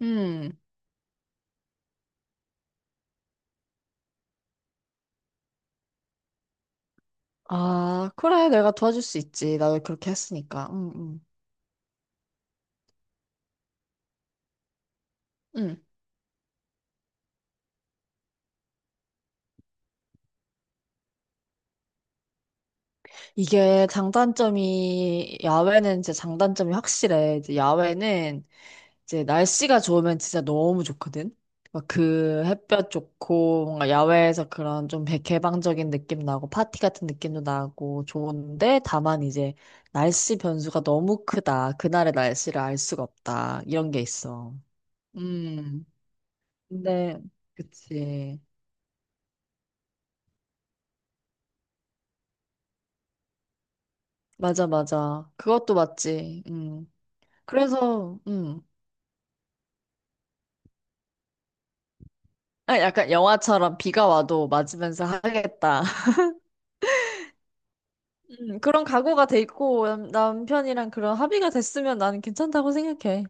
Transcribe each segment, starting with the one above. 음. 아, 그래. 내가 도와줄 수 있지. 나도 그렇게 했으니까. 음. 이게 장단점이, 야외는 진짜 장단점이 확실해. 이제 야외는 이제 날씨가 좋으면 진짜 너무 좋거든. 막그 햇볕 좋고, 뭔가 야외에서 그런 좀 개방적인 느낌 나고, 파티 같은 느낌도 나고, 좋은데, 다만 이제 날씨 변수가 너무 크다. 그날의 날씨를 알 수가 없다. 이런 게 있어. 음. 근데, 그치. 맞아, 맞아. 그것도 맞지. 음. 그래서, 아, 약간 영화처럼 비가 와도 맞으면서 하겠다. 그런 각오가 돼 있고, 남편이랑 그런 합의가 됐으면 나는 괜찮다고 생각해.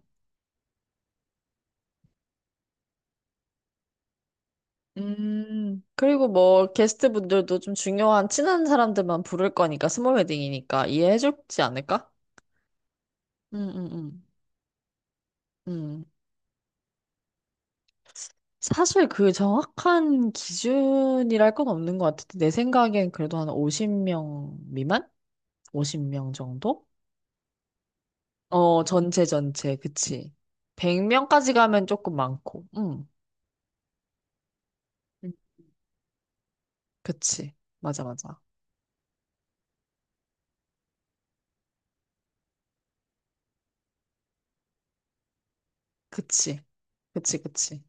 그리고 뭐, 게스트분들도 좀 중요한 친한 사람들만 부를 거니까, 스몰 웨딩이니까 이해해 주지 않을까? 음, 음, 음. 음. 사실 그 정확한 기준이랄 건 없는 것 같은데, 내 생각엔 그래도 한 50명 미만? 50명 정도? 어, 전체 전체. 그치. 100명까지 가면 조금 많고. 응. 음. 그치. 맞아, 맞아. 그치. 그치, 그치.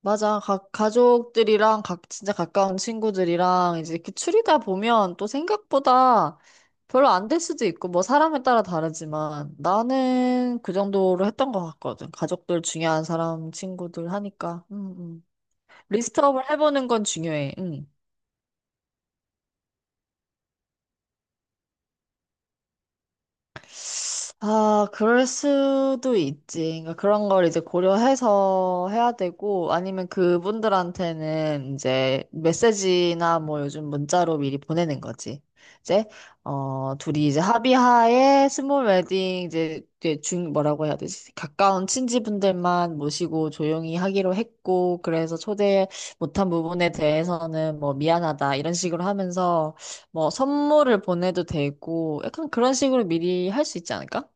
맞아. 가족들이랑 각, 진짜 가까운 친구들이랑 이제 이렇게 추리다 보면 또 생각보다 별로 안 될 수도 있고, 뭐 사람에 따라 다르지만 나는 그 정도로 했던 것 같거든. 가족들 중요한 사람, 친구들 하니까. 음. 리스트업을 해보는 건 중요해. 응. 아, 그럴 수도 있지. 그러니까 그런 걸 이제 고려해서 해야 되고, 아니면 그분들한테는 이제 메시지나 뭐 요즘 문자로 미리 보내는 거지. 이제, 어, 둘이 이제 합의하에 스몰 웨딩 이제 이게 중, 뭐라고 해야 되지? 가까운 친지분들만 모시고 조용히 하기로 했고, 그래서 초대 못한 부분에 대해서는 뭐 미안하다 이런 식으로 하면서 뭐 선물을 보내도 되고, 약간 그런 식으로 미리 할 수 있지 않을까?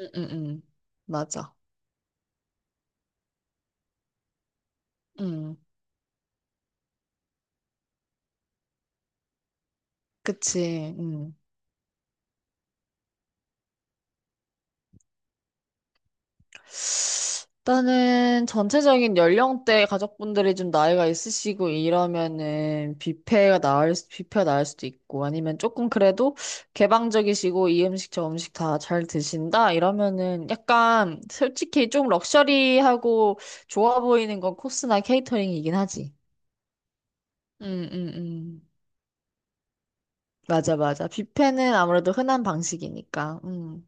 응, 응, 응. 맞아. 응. 그치. 응. 일단은 전체적인 연령대 가족분들이 좀 나이가 있으시고 이러면은 뷔페가 나을 수도 있고 아니면 조금 그래도 개방적이시고 이 음식 저 음식 다 잘 드신다 이러면은 약간 솔직히 좀 럭셔리하고 좋아 보이는 건 코스나 케이터링이긴 하지. 응, 응, 응. 맞아, 맞아. 뷔페는 아무래도 흔한 방식이니까. 응.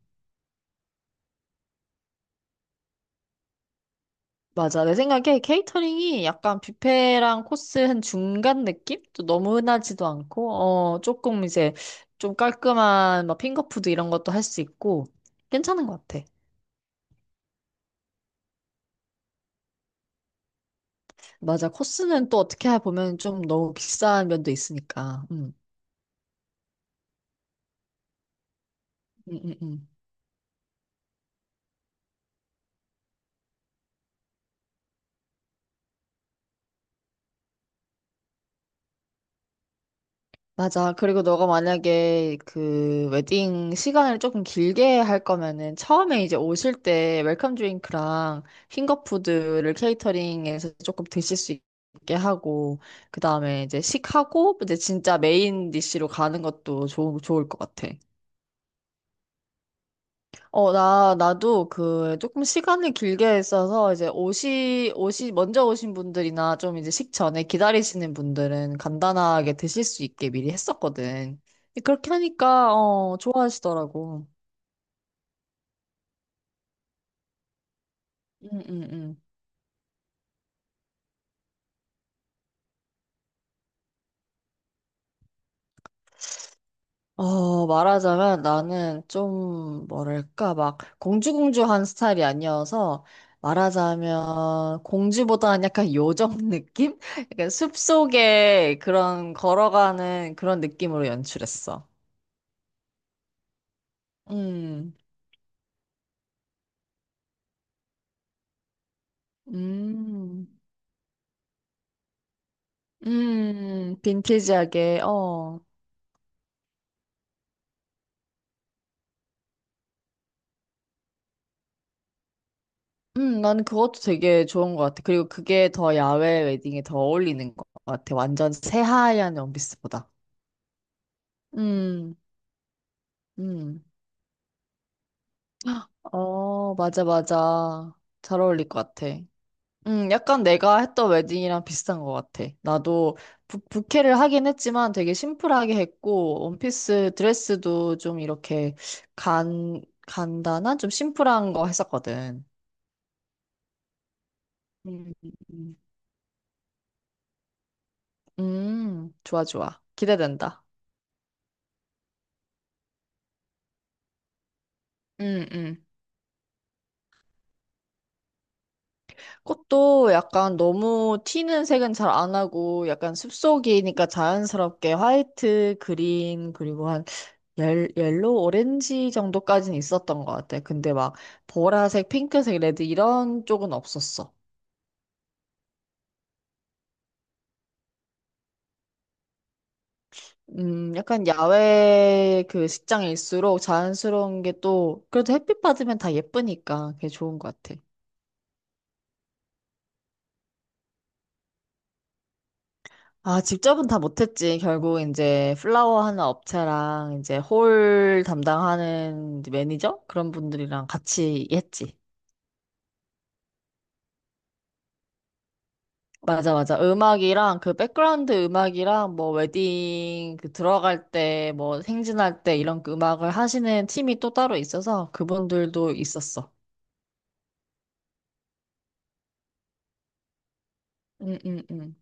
맞아. 내 생각에 케이터링이 약간 뷔페랑 코스 한 중간 느낌? 또 너무 흔하지도 않고, 어, 조금 이제 좀 깔끔한 막 핑거푸드 이런 것도 할 수 있고, 괜찮은 것 같아. 맞아. 코스는 또 어떻게 보면 좀 너무 비싼 면도 있으니까. 음, 음, 음. 맞아. 그리고 너가 만약에 그 웨딩 시간을 조금 길게 할 거면은 처음에 이제 오실 때 웰컴 드링크랑 핑거푸드를 케이터링에서 조금 드실 수 있게 하고, 그 다음에 이제 식하고, 이제 진짜 메인 디쉬로 가는 것도 좋을 것 같아. 어, 나도 그 조금 시간을 길게 써서 이제 옷이 먼저 오신 분들이나 좀 이제 식전에 기다리시는 분들은 간단하게 드실 수 있게 미리 했었거든. 근데 그렇게 하니까, 어, 좋아하시더라고. 응, 응, 응. 어, 말하자면 나는 좀, 뭐랄까, 막 공주공주한 스타일이 아니어서 말하자면 공주보다는 약간 요정 느낌? 약간 숲속에 그런 걸어가는 그런 느낌으로 연출했어. 음, 음, 빈티지하게, 어. 나는 그것도 되게 좋은 것 같아. 그리고 그게 더 야외 웨딩에 더 어울리는 것 같아. 완전 새하얀 원피스보다. 음, 음. 어, 맞아, 맞아. 잘 어울릴 것 같아. 약간 내가 했던 웨딩이랑 비슷한 것 같아. 나도 부케를 하긴 했지만 되게 심플하게 했고, 원피스 드레스도 좀 이렇게 간, 간단한, 좀 심플한 거 했었거든. 음, 음. 좋아, 좋아. 기대된다. 음, 음. 꽃도 약간 너무 튀는 색은 잘 안 하고 약간 숲속이니까 자연스럽게 화이트, 그린, 그리고 한 옐로우, 오렌지 정도까지는 있었던 것 같아. 근데 막 보라색, 핑크색, 레드 이런 쪽은 없었어. 약간 야외 그 식장일수록 자연스러운 게 또 그래도 햇빛 받으면 다 예쁘니까 그게 좋은 것 같아. 아, 직접은 다 못했지. 결국 이제 플라워 하는 업체랑 이제 홀 담당하는 이제 매니저? 그런 분들이랑 같이 했지. 맞아, 맞아. 음악이랑 그 백그라운드 음악이랑 뭐 웨딩 그 들어갈 때 뭐 행진할 때 이런 그 음악을 하시는 팀이 또 따로 있어서 그분들도 있었어. 응, 응, 응.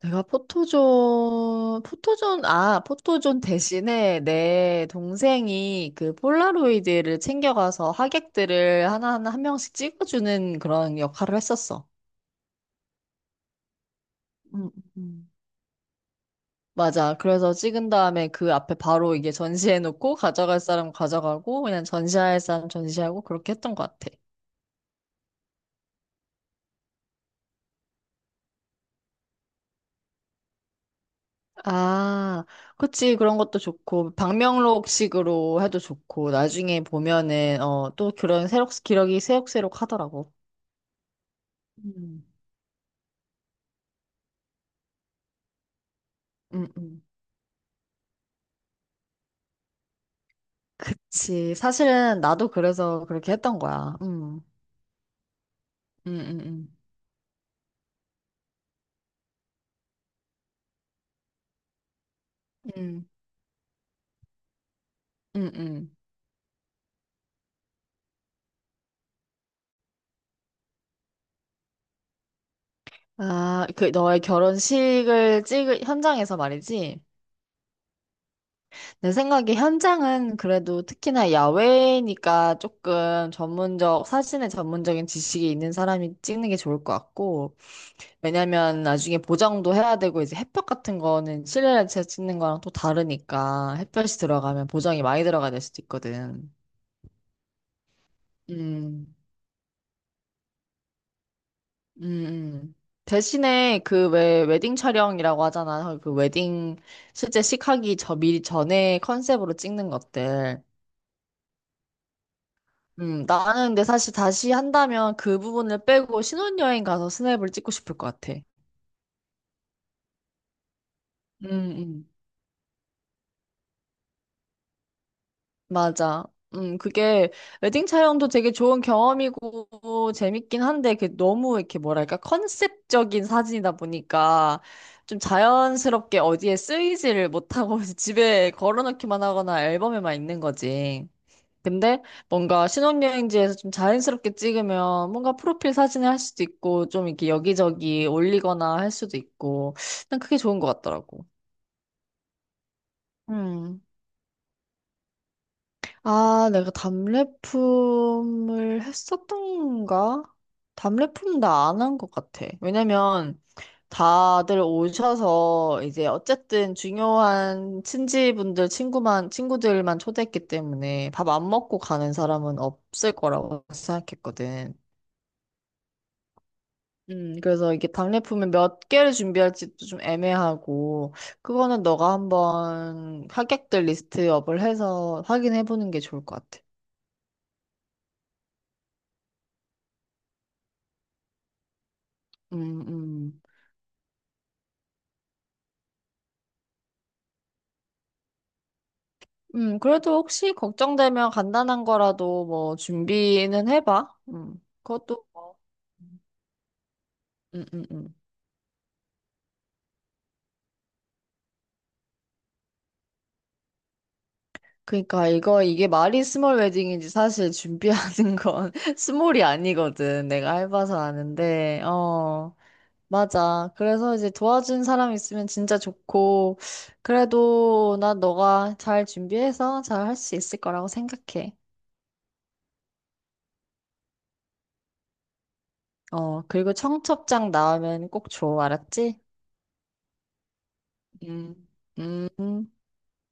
아, 포토존 대신에 내 동생이 그 폴라로이드를 챙겨가서 하객들을 하나하나 한 명씩 찍어주는 그런 역할을 했었어. 음, 음. 맞아. 그래서 찍은 다음에 그 앞에 바로 이게 전시해놓고 가져갈 사람 가져가고 그냥 전시할 사람 전시하고 그렇게 했던 것 같아. 아, 그치. 그런 것도 좋고 방명록식으로 해도 좋고 나중에 보면은 어, 또 그런 새록 기록이 새록새록 하더라고. 음, 음, 음. 그치. 사실은 나도 그래서 그렇게 했던 거야. 음, 음, 음, 음, 음. 아, 그 너의 결혼식을 찍을 현장에서 말이지. 내 생각에 현장은 그래도 특히나 야외니까 조금 전문적, 사진에 전문적인 지식이 있는 사람이 찍는 게 좋을 것 같고. 왜냐면 나중에 보정도 해야 되고 이제 햇볕 같은 거는 실내에서 찍는 거랑 또 다르니까 햇볕이 들어가면 보정이 많이 들어가야 될 수도 있거든. 음, 음, 음. 대신에 그 왜 웨딩 촬영이라고 하잖아. 그 웨딩 실제 식하기 저 미리 전에 컨셉으로 찍는 것들. 나는 근데 사실 다시 한다면 그 부분을 빼고 신혼여행 가서 스냅을 찍고 싶을 것 같아. 음, 맞아. 그게 웨딩 촬영도 되게 좋은 경험이고 재밌긴 한데 그 너무 이렇게 뭐랄까 컨셉적인 사진이다 보니까 좀 자연스럽게 어디에 쓰이지를 못하고 집에 걸어놓기만 하거나 앨범에만 있는 거지. 근데 뭔가 신혼여행지에서 좀 자연스럽게 찍으면 뭔가 프로필 사진을 할 수도 있고 좀 이렇게 여기저기 올리거나 할 수도 있고 난 그게 좋은 것 같더라고. 음. 아, 내가 답례품을 했었던가? 답례품 나 안 한 것 같아. 왜냐면 다들 오셔서 이제 어쨌든 중요한 친구들만 초대했기 때문에 밥 안 먹고 가는 사람은 없을 거라고 생각했거든. 그래서 이게 답례품을 몇 개를 준비할지도 좀 애매하고, 그거는 너가 한번 하객들 리스트업을 해서 확인해 보는 게 좋을 것 같아. 음, 음. 그래도 혹시 걱정되면 간단한 거라도 뭐 준비는 해봐. 그것도, 음, 음, 음. 그러니까 이게 말이 스몰 웨딩이지 사실 준비하는 건 스몰이 아니거든. 내가 해봐서 아는데, 어, 맞아. 그래서 이제 도와준 사람 있으면 진짜 좋고, 그래도 난 너가 잘 준비해서 잘 할 수 있을 거라고 생각해. 어, 그리고 청첩장 나오면 꼭 줘, 알았지? 음, 음.